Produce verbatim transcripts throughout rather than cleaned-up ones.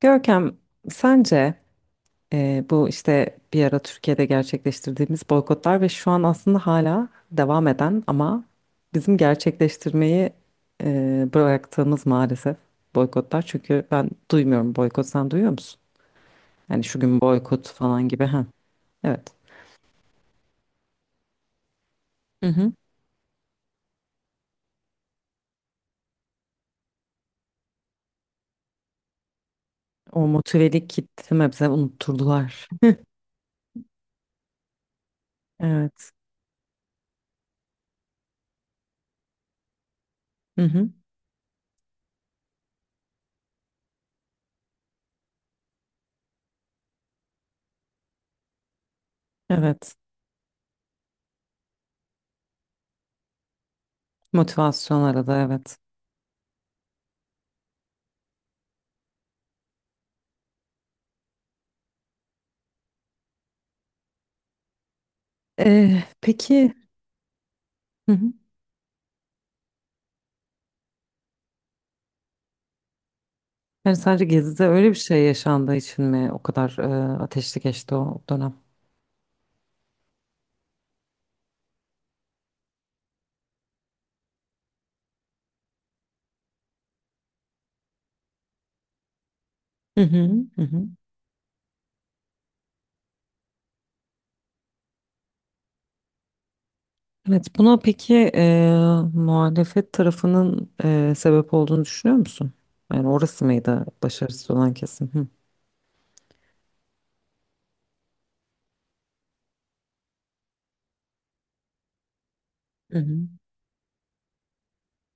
Görkem, sence e, bu işte bir ara Türkiye'de gerçekleştirdiğimiz boykotlar ve şu an aslında hala devam eden ama bizim gerçekleştirmeyi e, bıraktığımız maalesef boykotlar. Çünkü ben duymuyorum boykot, sen duyuyor musun? Yani şu gün boykot falan gibi. Ha, evet. Hı hı. O motivelik kitlemi bize unutturdular. Evet. Hı hı. Evet. Motivasyon arada, evet. E, peki. Hı hı. Yani sadece Gezi'de öyle bir şey yaşandığı için mi o kadar e, ateşli geçti o dönem? Hı hı, hı hı. Evet, buna peki, e, muhalefet tarafının e, sebep olduğunu düşünüyor musun? Yani orası mıydı başarısız olan kesim? Hı. Hı hı,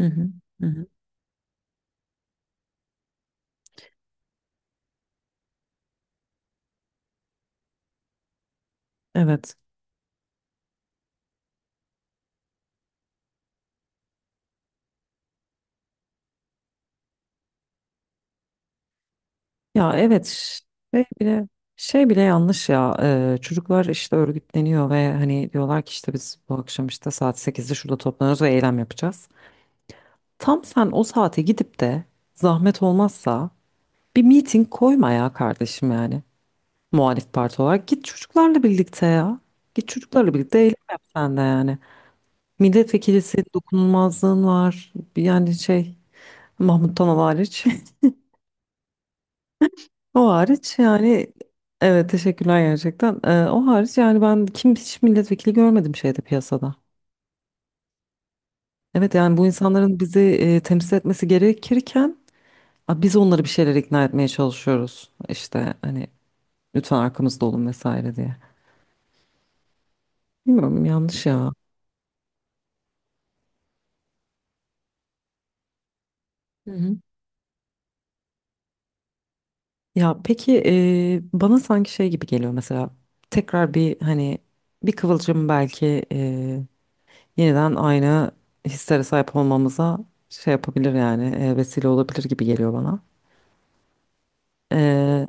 hı hı, hı hı. Evet. Ya evet, şey bile şey bile yanlış ya. Ee, çocuklar işte örgütleniyor ve hani diyorlar ki işte biz bu akşam işte saat sekizde şurada toplanıyoruz ve eylem yapacağız. Tam sen o saate gidip de, zahmet olmazsa, bir meeting koyma ya kardeşim yani. Muhalif parti olarak. Git çocuklarla birlikte ya. Git çocuklarla birlikte eylem yap sen de yani. Milletvekilisi dokunulmazlığın var. Yani şey, Mahmut Tanal hariç. O hariç yani, evet teşekkürler gerçekten. Ee, o hariç yani ben kim hiç milletvekili görmedim şeyde piyasada. Evet yani bu insanların bizi e, temsil etmesi gerekirken a, biz onları bir şeyler ikna etmeye çalışıyoruz. İşte hani lütfen arkamızda olun vesaire diye. Bilmiyorum, yanlış ya. Hı hı. Ya peki, e, bana sanki şey gibi geliyor mesela, tekrar bir hani bir kıvılcım belki e, yeniden aynı hislere sahip olmamıza şey yapabilir yani, e, vesile olabilir gibi geliyor bana. E,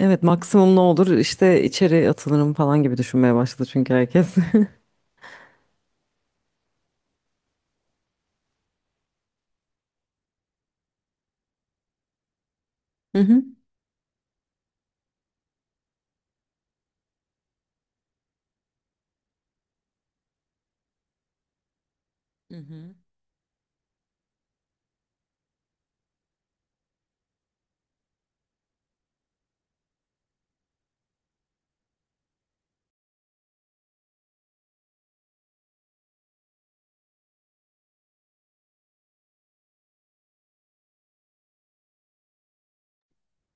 evet, maksimum ne olur işte içeri atılırım falan gibi düşünmeye başladı çünkü herkes. Hı hı. Hı hı.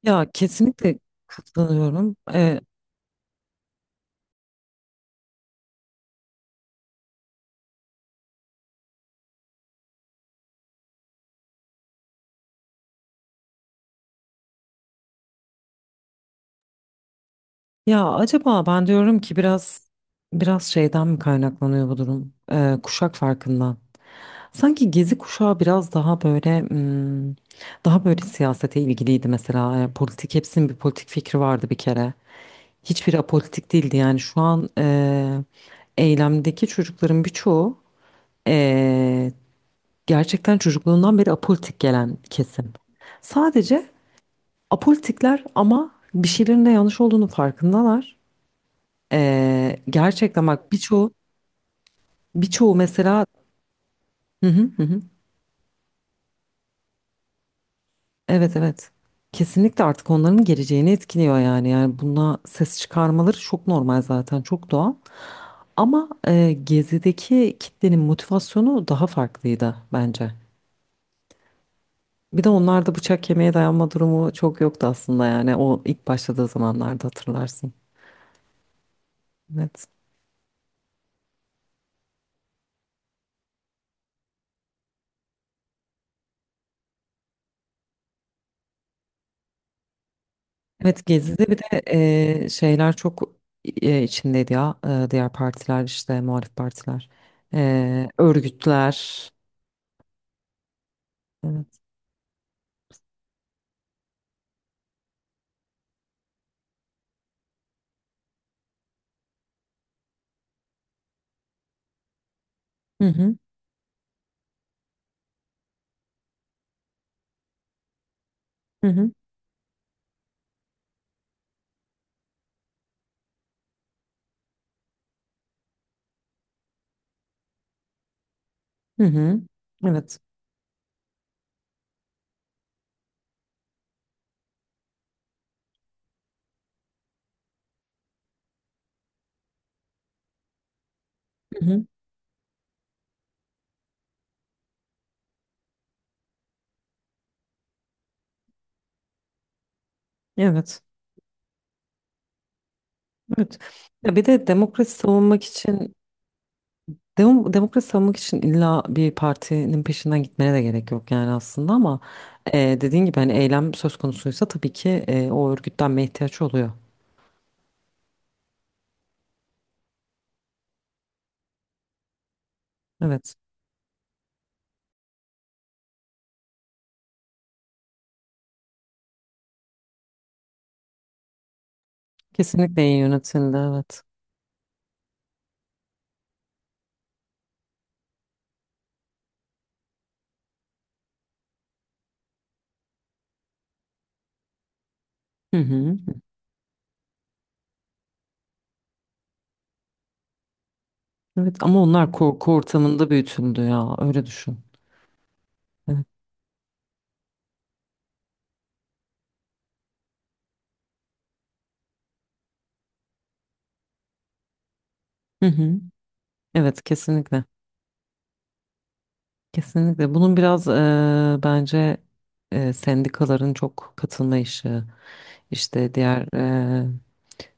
Ya kesinlikle katılıyorum. Ee, ya acaba ben diyorum ki biraz biraz şeyden mi kaynaklanıyor bu durum? Ee, kuşak farkından. Sanki Gezi kuşağı biraz daha böyle, hmm, daha böyle siyasete ilgiliydi mesela. Yani politik, hepsinin bir politik fikri vardı bir kere. Hiçbiri apolitik değildi yani şu an, eee, eylemdeki çocukların birçoğu, eee, gerçekten çocukluğundan beri apolitik gelen kesim. Sadece apolitikler ama bir şeylerin de yanlış olduğunu farkındalar. Eee, gerçekten bak birçoğu, birçoğu mesela hı hı hı. Hı. Evet evet. Kesinlikle artık onların geleceğini etkiliyor yani. Yani buna ses çıkarmaları çok normal zaten, çok doğal. Ama e, Gezi'deki kitlenin motivasyonu daha farklıydı bence. Bir de onlarda bıçak kemiğe dayanma durumu çok yoktu aslında yani o ilk başladığı zamanlarda hatırlarsın. Evet. Evet, Gezi'de bir de e, şeyler çok e, içindeydi ya. E, diğer partiler işte muhalif partiler. E, örgütler. Evet. Hı hı. Hı hı. Hı hı. Evet. Hı hı. Evet. Evet. Ya bir de demokrasi savunmak için dem- demokrasi savunmak için illa bir partinin peşinden gitmene de gerek yok yani aslında ama e, dediğin gibi hani eylem söz konusuysa tabii ki e, o örgütlenme ihtiyaç oluyor. Evet. Kesinlikle iyi yönetildi, evet. Hı hı. Evet ama onlar korku ortamında büyütüldü ya, öyle düşün. Evet. Hı hı. Evet kesinlikle. Kesinlikle. Bunun biraz e, bence e, sendikaların çok katılma işi. İşte diğer eee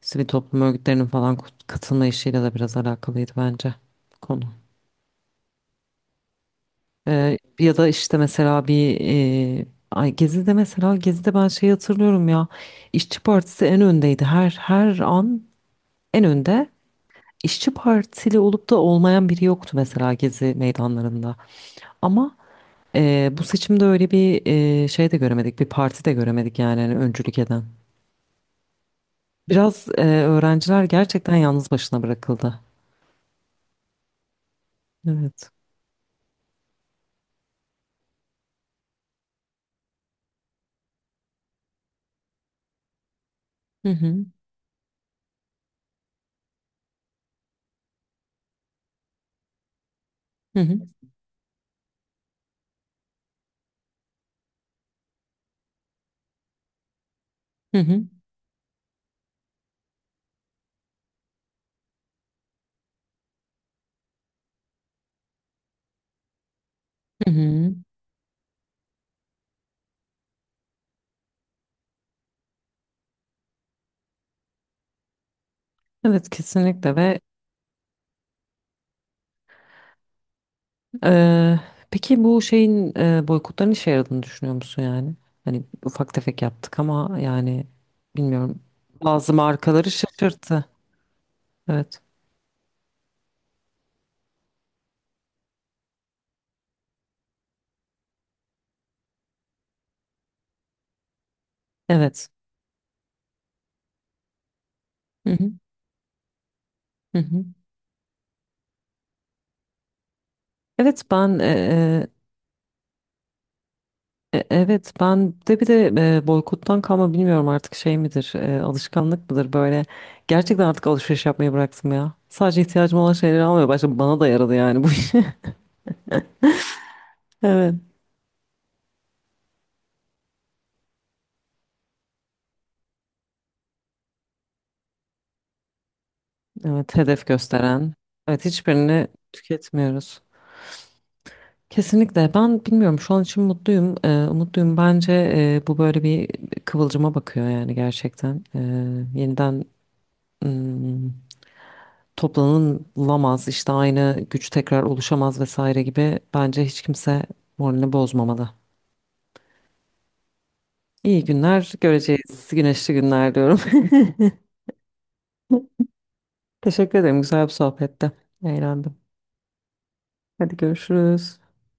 sivil toplum örgütlerinin falan kut- katılma işiyle de biraz alakalıydı bence konu. Eee, ya da işte mesela bir eee ay, Gezi'de mesela, Gezi'de ben şeyi hatırlıyorum ya, İşçi Partisi en öndeydi. Her her an en önde. İşçi Partili olup da olmayan biri yoktu mesela Gezi meydanlarında. Ama eee, bu seçimde öyle bir eee, şey de göremedik. Bir parti de göremedik yani hani öncülük eden. Biraz eee, öğrenciler gerçekten yalnız başına bırakıldı. Evet. Hı hı, hı hı, hı hı, hı hı. Evet kesinlikle ve eee, peki bu şeyin, eee, boykotların işe yaradığını düşünüyor musun yani? Hani ufak tefek yaptık ama yani bilmiyorum, bazı markaları şaşırttı. Evet. Evet. Hı hı, hı hı. Evet ben eee, e- e, evet ben de bir de eee, boykottan kalma bilmiyorum artık, şey midir, eee, alışkanlık mıdır, böyle gerçekten artık alışveriş yapmayı bıraktım ya. Sadece ihtiyacım olan şeyleri almaya başladım, bana da yaradı yani bu iş. Evet. Evet, hedef gösteren. Evet, hiçbirini tüketmiyoruz. Kesinlikle. Ben bilmiyorum. Şu an için mutluyum. Ee, umutluyum. Bence e, bu böyle bir kıvılcıma bakıyor yani gerçekten. Ee, yeniden, hmm, toplanılamaz, işte aynı güç tekrar oluşamaz vesaire gibi. Bence hiç kimse moralini bozmamalı. İyi günler göreceğiz. Güneşli günler diyorum. Teşekkür ederim. Güzel bir sohbette. Eğlendim. Hadi görüşürüz.